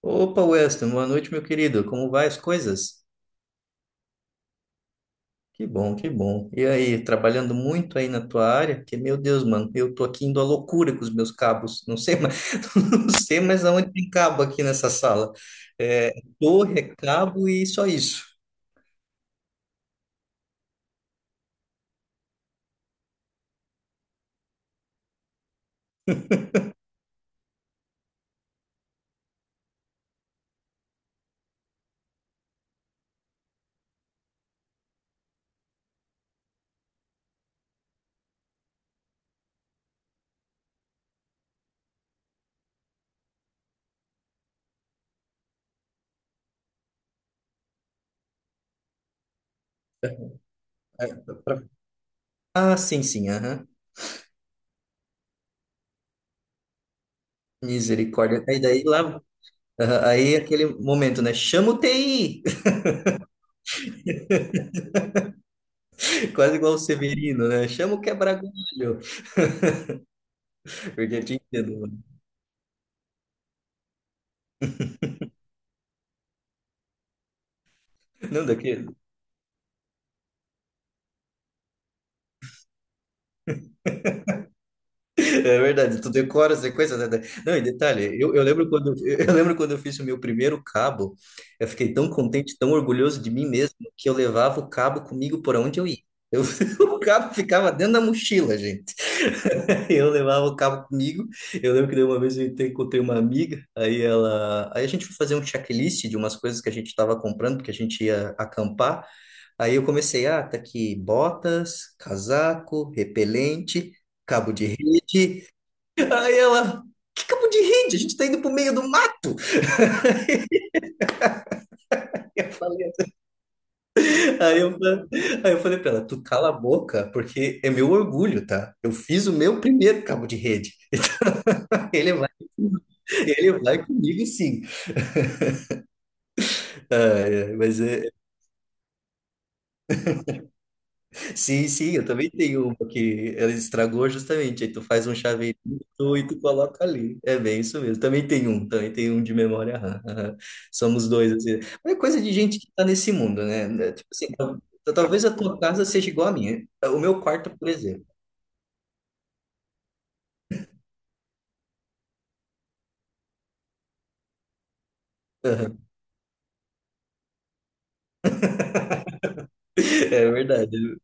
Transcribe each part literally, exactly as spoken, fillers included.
Opa, Weston, boa noite, meu querido. Como vai as coisas? Que bom, que bom. E aí, trabalhando muito aí na tua área? Porque, meu Deus, mano, eu tô aqui indo à loucura com os meus cabos. Não sei mais, não sei mais aonde tem cabo aqui nessa sala. É, torre, é cabo e só isso. É, pra- Ah, sim, sim, aham. Misericórdia. Aí daí lá, aham, aí é aquele momento, né? Chama o T I! Quase igual o Severino, né? Chama o quebra-galho. Porque eu te entendo, mano. Não, daqui, é verdade, tu decora as sequência, né? Não, e detalhe, eu, eu lembro quando, eu lembro quando eu fiz o meu primeiro cabo, eu fiquei tão contente, tão orgulhoso de mim mesmo, que eu levava o cabo comigo por onde eu ia. Eu, o cabo ficava dentro da mochila, gente. Eu levava o cabo comigo. Eu lembro que daí uma vez eu encontrei encontrei uma amiga, aí ela, aí a gente foi fazer um checklist de umas coisas que a gente estava comprando, porque a gente ia acampar. Aí eu comecei, ah, tá aqui botas, casaco, repelente, cabo de rede. Aí ela, que cabo de rede? A gente tá indo pro meio do mato. Eu falei, assim, aí eu, fa- Aí eu falei pra ela, tu cala a boca, porque é meu orgulho, tá? Eu fiz o meu primeiro cabo de rede. Ele vai, ele vai comigo, sim. Ah, é, mas é, Sim, sim, eu também tenho uma que ela estragou justamente. Aí tu faz um chaveirinho e tu coloca ali. É bem isso mesmo. Também tem um, também tem um de memória RAM. Aham. Somos dois, assim. Mas é coisa de gente que tá nesse mundo, né? É, Tipo assim, tal- talvez a tua casa seja igual à minha. é, O meu quarto, por exemplo. Aham. É verdade.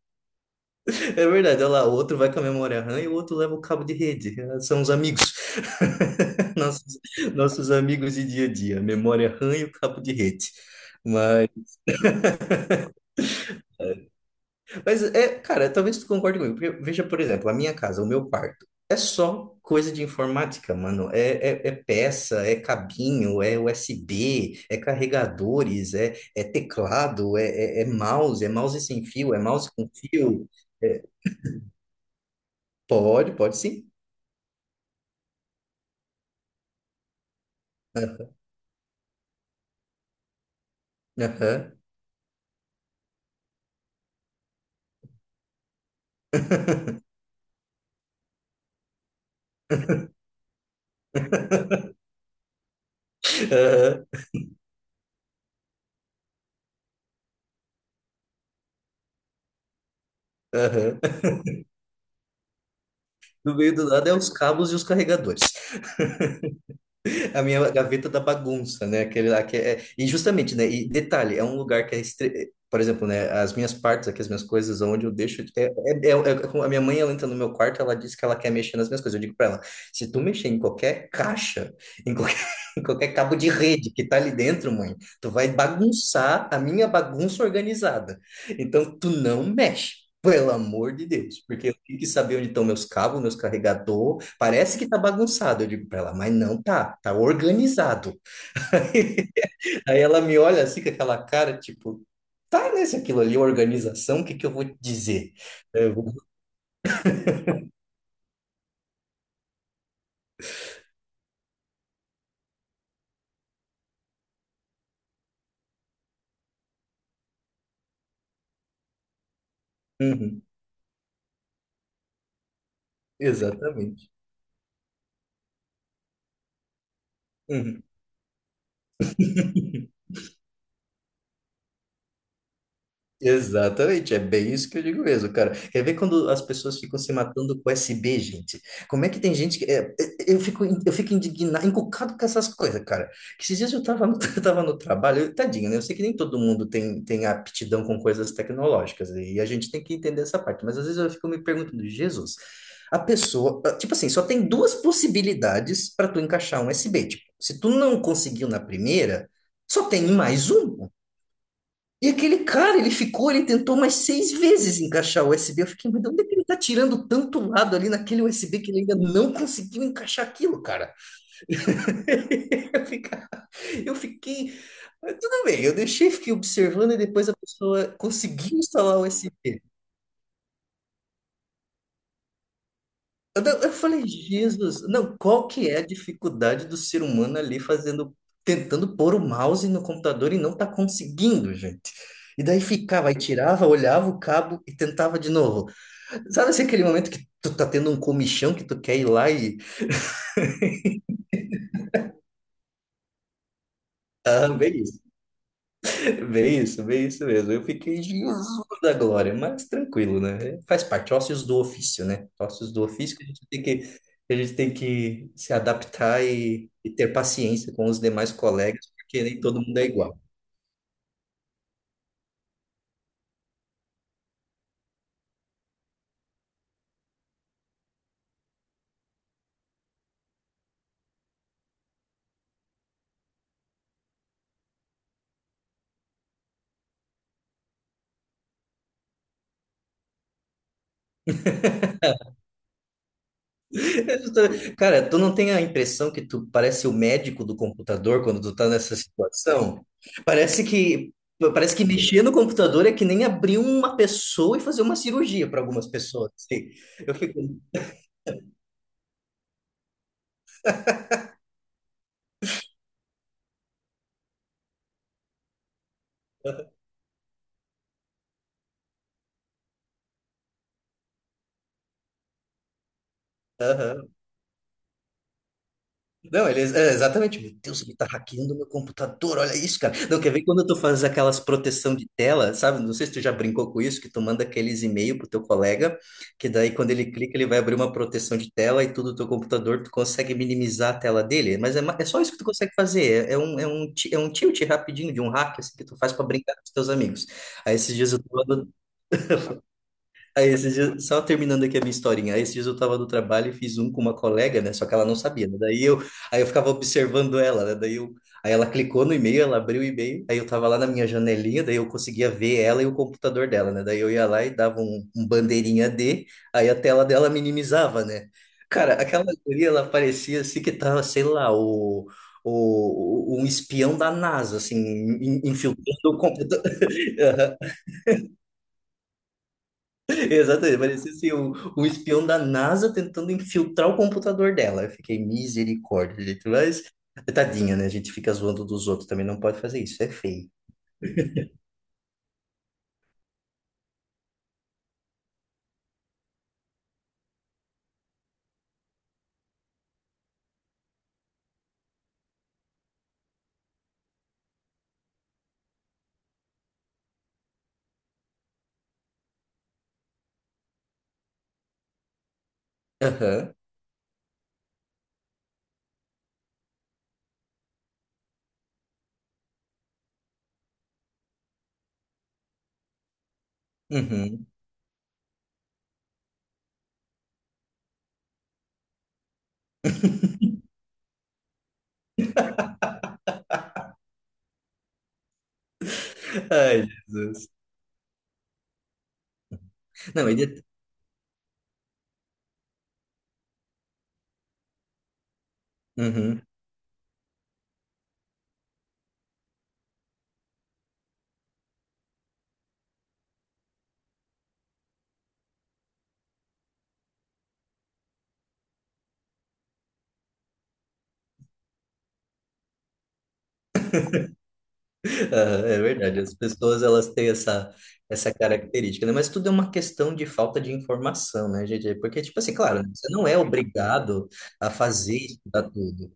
É verdade. Olha lá, o outro vai com a memória RAM e o outro leva o cabo de rede. Ah, são os amigos. Nossos, nossos amigos de dia a dia. Memória RAM e o cabo de rede. Mas Mas é, cara, talvez tu concorde comigo, porque veja, por exemplo, a minha casa, o meu quarto, é só coisa de informática, mano. É, é, é peça, é cabinho, é U S B, é carregadores, é, é teclado, é, é, é mouse, é mouse sem fio, é mouse com fio. É, pode, pode sim. Ah, aham. Aham. Aham. No meio do lado é os cabos e os carregadores. A minha gaveta da bagunça, né? Aquele lá que é... E justamente, né? E detalhe, é um lugar que é estre... Por exemplo, né? As minhas partes aqui, as minhas coisas, onde eu deixo... É, é, é- é como a minha mãe, ela entra no meu quarto, ela diz que ela quer mexer nas minhas coisas. Eu digo pra ela, se tu mexer em qualquer caixa, em em qualquer cabo de rede que tá ali dentro, mãe. Tu vai bagunçar a minha bagunça organizada. Então, tu não mexe. Pelo amor de Deus, porque eu tenho que saber onde estão meus cabos, meus carregador. Parece que tá bagunçado, eu digo para ela, mas não tá, tá organizado. Aí ela me olha assim com aquela cara, tipo, tá, né? Se aquilo ali é organização, o que que eu vou te dizer? Eu vou- Uhum, exatamente. Uhum. Exatamente, é bem isso que eu digo mesmo, cara. Quer ver quando as pessoas ficam se matando com S B, gente? Como é que tem gente que. é, é, eu fico, eu fico indignado, encucado com essas coisas, cara. Que esses dias eu tava, no- eu tava no trabalho, eu- tadinho, né? Eu sei que nem todo mundo tem, tem aptidão com coisas tecnológicas, né? E a gente tem que entender essa parte, mas às vezes eu fico me perguntando, Jesus, a pessoa. ah, tipo assim, só tem duas possibilidades para tu encaixar um S B. Tipo, se tu não conseguiu na primeira, só tem mais uma. E aquele cara, ele ficou, ele tentou mais seis vezes encaixar o U S B. Eu fiquei, mas de onde é que ele tá tirando tanto lado ali naquele U S B que ele ainda não conseguiu encaixar aquilo, cara? Eu fica- eu fiquei, mas tudo bem, eu deixei, fiquei observando e depois a pessoa conseguiu instalar o U S B. Eu, da- eu falei, Jesus, não, qual que é a dificuldade do ser humano ali fazendo, tentando pôr o mouse no computador e não tá conseguindo, gente? E daí ficava, aí tirava, olhava o cabo e tentava de novo. Sabe assim, aquele momento que tu tá tendo um comichão que tu quer ir lá e. Ah, bem isso, bem isso, bem isso mesmo. Eu fiquei Jesus da glória, mas tranquilo, né? Faz parte, ócios do ofício, né? Ócios do ofício que a gente tem que, que a gente tem que se adaptar e, e ter paciência com os demais colegas, porque nem todo mundo é igual. Cara, tu não tem a impressão que tu parece o médico do computador quando tu tá nessa situação? Parece que parece que mexer no computador é que nem abrir uma pessoa e fazer uma cirurgia para algumas pessoas. Assim. Eu fico, aham. Não, ele é é, exatamente. Meu Deus, ele tá hackeando meu computador, olha isso, cara. Não, quer ver quando tu faz aquelas proteção de tela, sabe? Não sei se tu já brincou com isso, que tu manda aqueles e-mail pro teu colega, que daí quando ele clica, ele vai abrir uma proteção de tela e tudo do teu computador, tu consegue minimizar a tela dele. Mas é, ma- é só isso que tu consegue fazer. É, é um, é um, ti- é um tilt rapidinho de um hack assim, que tu faz para brincar com os teus amigos. Aí esses dias eu tô Aí esses dias, só terminando aqui a minha historinha, aí esses dias eu tava no trabalho e fiz um com uma colega, né? Só que ela não sabia, né? Daí eu, aí eu ficava observando ela, né? Daí eu, aí ela clicou no e-mail, ela abriu o e-mail, aí eu tava lá na minha janelinha, daí eu conseguia ver ela e o computador dela, né? Daí eu ia lá e dava um, um bandeirinha D, aí a tela dela minimizava, né? Cara, aquela guria, ela parecia assim que tava, sei lá, o, o, o- um espião da NASA, assim, in- infiltrando o computador. Exatamente, parecia assim, um, um espião da NASA tentando infiltrar o computador dela. Eu fiquei misericórdia, gente, mas tadinha, né? A gente fica zoando dos outros, também não pode fazer isso, é feio. Aham, uhum. Ai, Jesus. Não, e Uhum. Aham, é verdade, as pessoas elas têm essa, essa característica, né? Mas tudo é uma questão de falta de informação, né, gente? Porque, tipo assim, claro, né, você não é obrigado a fazer isso, estudar tudo.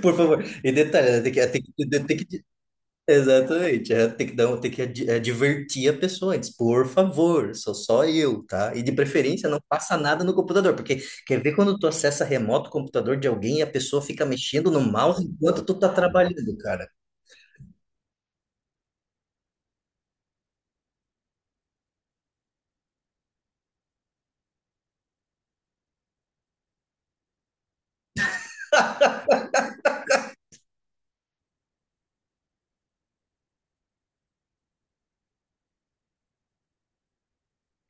Por favor, e detalhe, né, tem que, tem que, tem que, exatamente, é, tem que dar, um- tem que ad- advertir a pessoa antes, por favor, sou só eu, tá? E de preferência não passa nada no computador, porque quer ver quando tu acessa remoto o computador de alguém e a pessoa fica mexendo no mouse enquanto tu tá trabalhando, cara.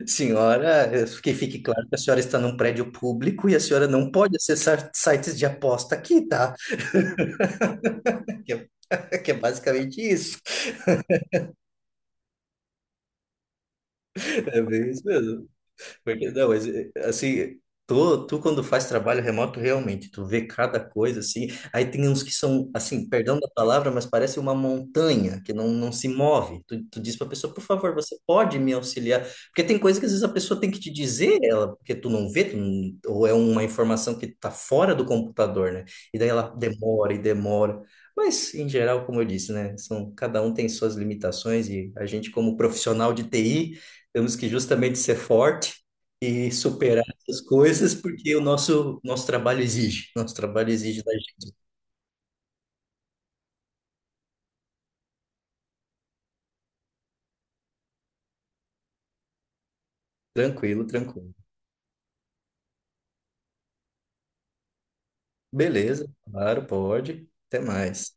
Senhora, eu- que fique claro que a senhora está num prédio público e a senhora não pode acessar sites de aposta aqui, tá? Que é, que é basicamente isso. É bem isso mesmo. Porque, não, mas, eh, assim, tu, tu quando faz trabalho remoto, realmente, tu vê cada coisa, assim, aí tem uns que são, assim, perdão da palavra, mas parece uma montanha, que não, não se move. Tu, tu diz pra pessoa, por favor, você pode me auxiliar? Porque tem coisa que às vezes a pessoa tem que te dizer, ela, porque tu não vê, tu não- ou é uma informação que tá fora do computador, né? E daí ela demora e demora. Mas, em geral, como eu disse, né, são, cada um tem suas limitações e a gente, como profissional de T I, temos que justamente ser forte e superar essas coisas, porque o nosso, nosso trabalho exige. Nosso trabalho exige da gente. Tranquilo, tranquilo. Beleza, claro, pode. Até mais.